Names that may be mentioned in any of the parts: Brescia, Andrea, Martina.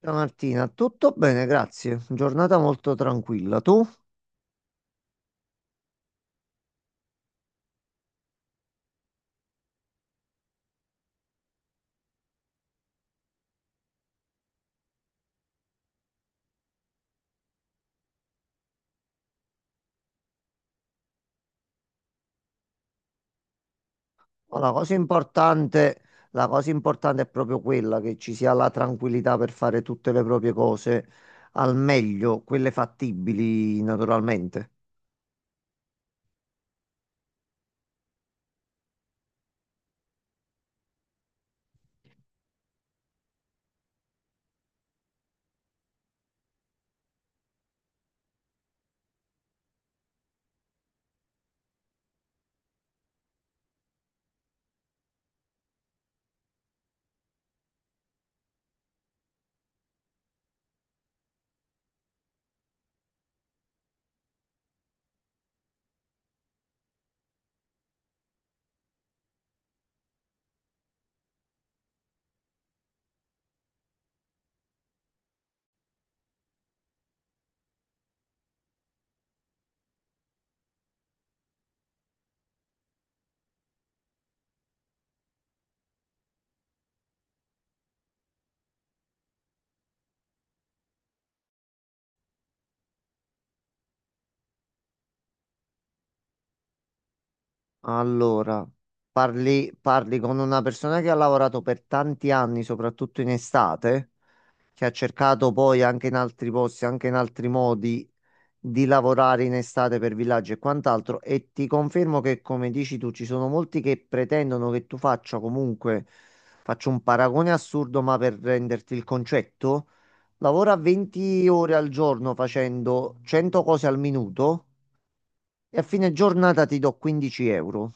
Ciao Martina, tutto bene, grazie. Giornata molto tranquilla. Tu? Ma la cosa importante, la cosa importante è proprio quella che ci sia la tranquillità per fare tutte le proprie cose al meglio, quelle fattibili naturalmente. Allora, parli, parli con una persona che ha lavorato per tanti anni, soprattutto in estate, che ha cercato poi anche in altri posti, anche in altri modi di lavorare in estate per villaggi e quant'altro. E ti confermo che, come dici tu, ci sono molti che pretendono che tu faccia comunque, faccio un paragone assurdo, ma per renderti il concetto, lavora 20 ore al giorno facendo 100 cose al minuto e a fine giornata ti do 15 euro.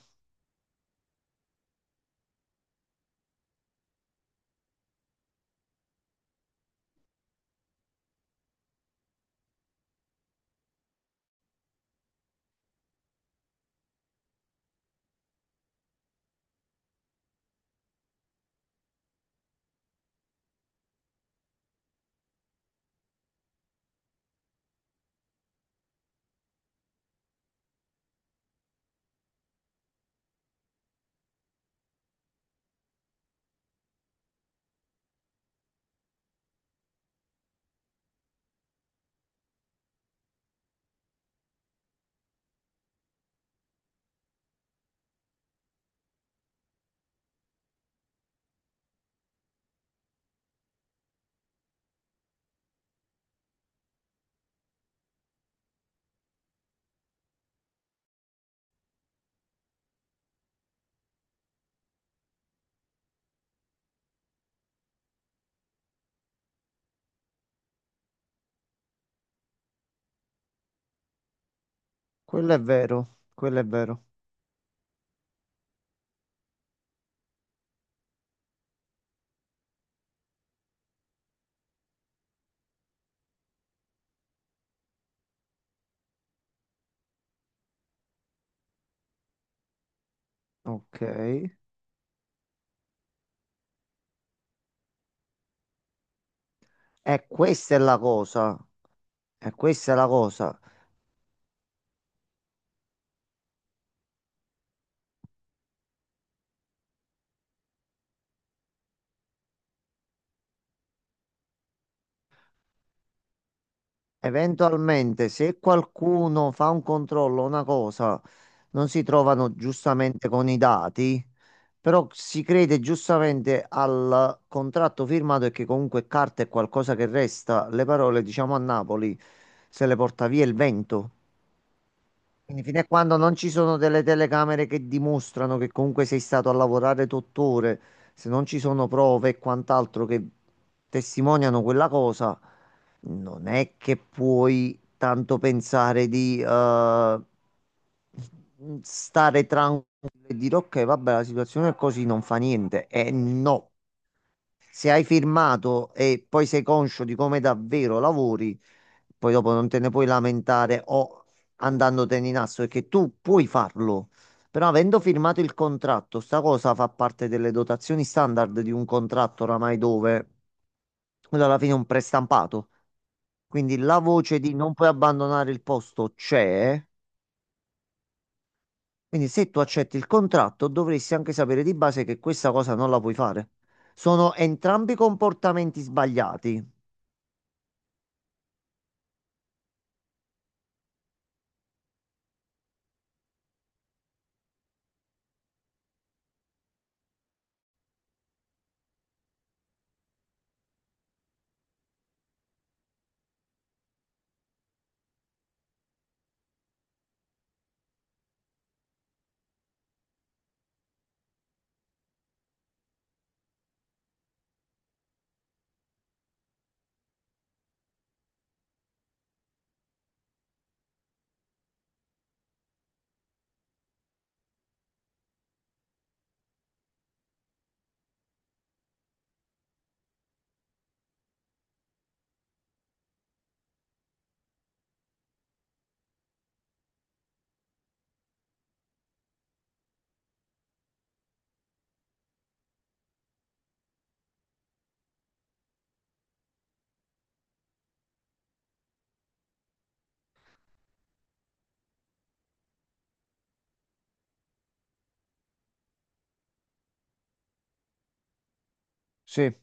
Quello è vero, quello è vero. Ok. E questa è la cosa. E questa è la cosa. Eventualmente, se qualcuno fa un controllo, una cosa, non si trovano giustamente con i dati, però si crede giustamente al contratto firmato e che comunque carta è qualcosa che resta. Le parole, diciamo a Napoli, se le porta via il vento. Quindi fino a quando non ci sono delle telecamere che dimostrano che comunque sei stato a lavorare 8 ore, se non ci sono prove e quant'altro che testimoniano quella cosa, non è che puoi tanto pensare di stare tranquillo e dire ok, vabbè, la situazione è così, non fa niente. E no, se hai firmato e poi sei conscio di come davvero lavori, poi dopo non te ne puoi lamentare o andandotene in asso, perché tu puoi farlo, però avendo firmato il contratto, sta cosa fa parte delle dotazioni standard di un contratto oramai dove quello alla fine è un prestampato. Quindi la voce di non puoi abbandonare il posto c'è. Quindi se tu accetti il contratto, dovresti anche sapere di base che questa cosa non la puoi fare. Sono entrambi comportamenti sbagliati. Sì.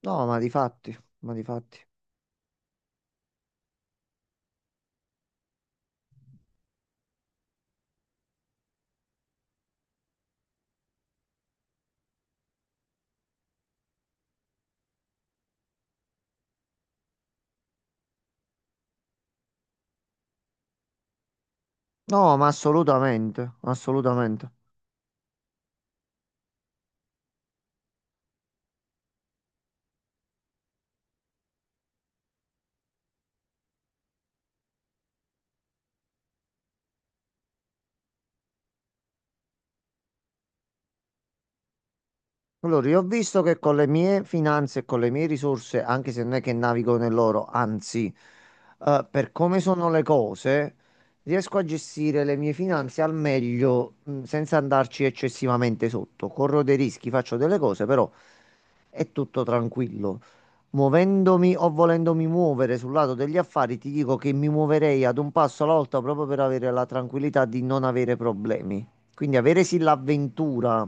No, ma di fatti, ma di fatti. No, ma assolutamente, assolutamente. Allora, io ho visto che con le mie finanze e con le mie risorse, anche se non è che navigo nell'oro, anzi, per come sono le cose, riesco a gestire le mie finanze al meglio, senza andarci eccessivamente sotto. Corro dei rischi, faccio delle cose, però è tutto tranquillo. Muovendomi o volendomi muovere sul lato degli affari, ti dico che mi muoverei ad un passo alla volta proprio per avere la tranquillità di non avere problemi. Quindi avere sì l'avventura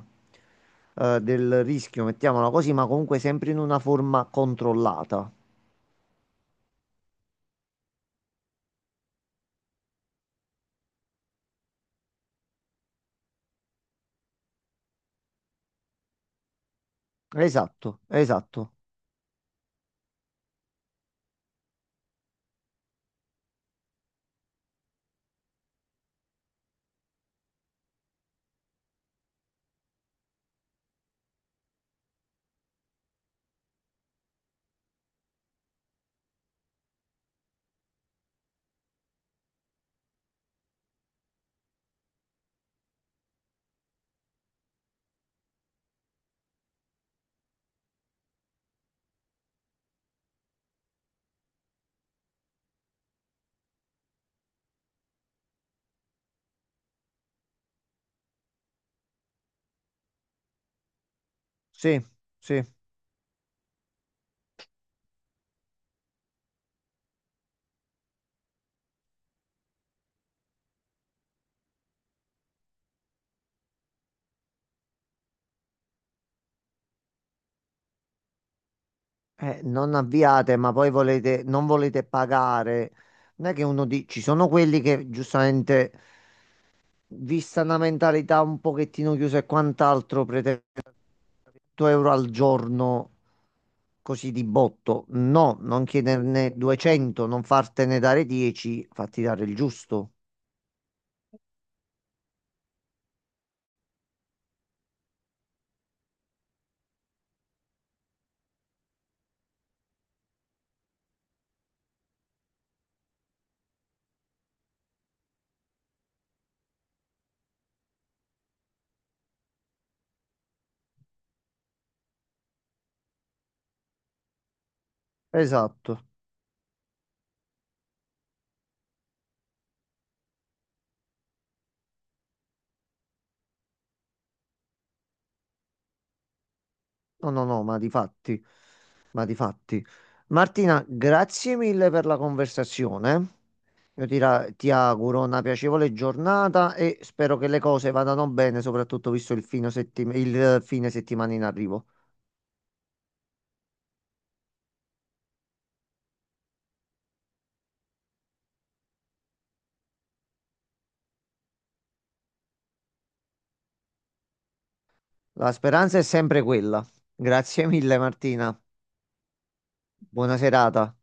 del rischio, mettiamola così, ma comunque sempre in una forma controllata. Esatto, esatto. Sì, sì. Non avviate, ma poi volete, non volete pagare. Non è che uno di... Ci sono quelli che giustamente vista una mentalità un pochettino chiusa e quant'altro, pretendo 100 euro al giorno così di botto. No, non chiederne 200, non fartene dare 10, fatti dare il giusto. Esatto. No, no, no, ma di fatti, ma di fatti. Martina, grazie mille per la conversazione. Io ti auguro una piacevole giornata e spero che le cose vadano bene, soprattutto visto il fine settimana in arrivo. La speranza è sempre quella. Grazie mille, Martina. Buona serata.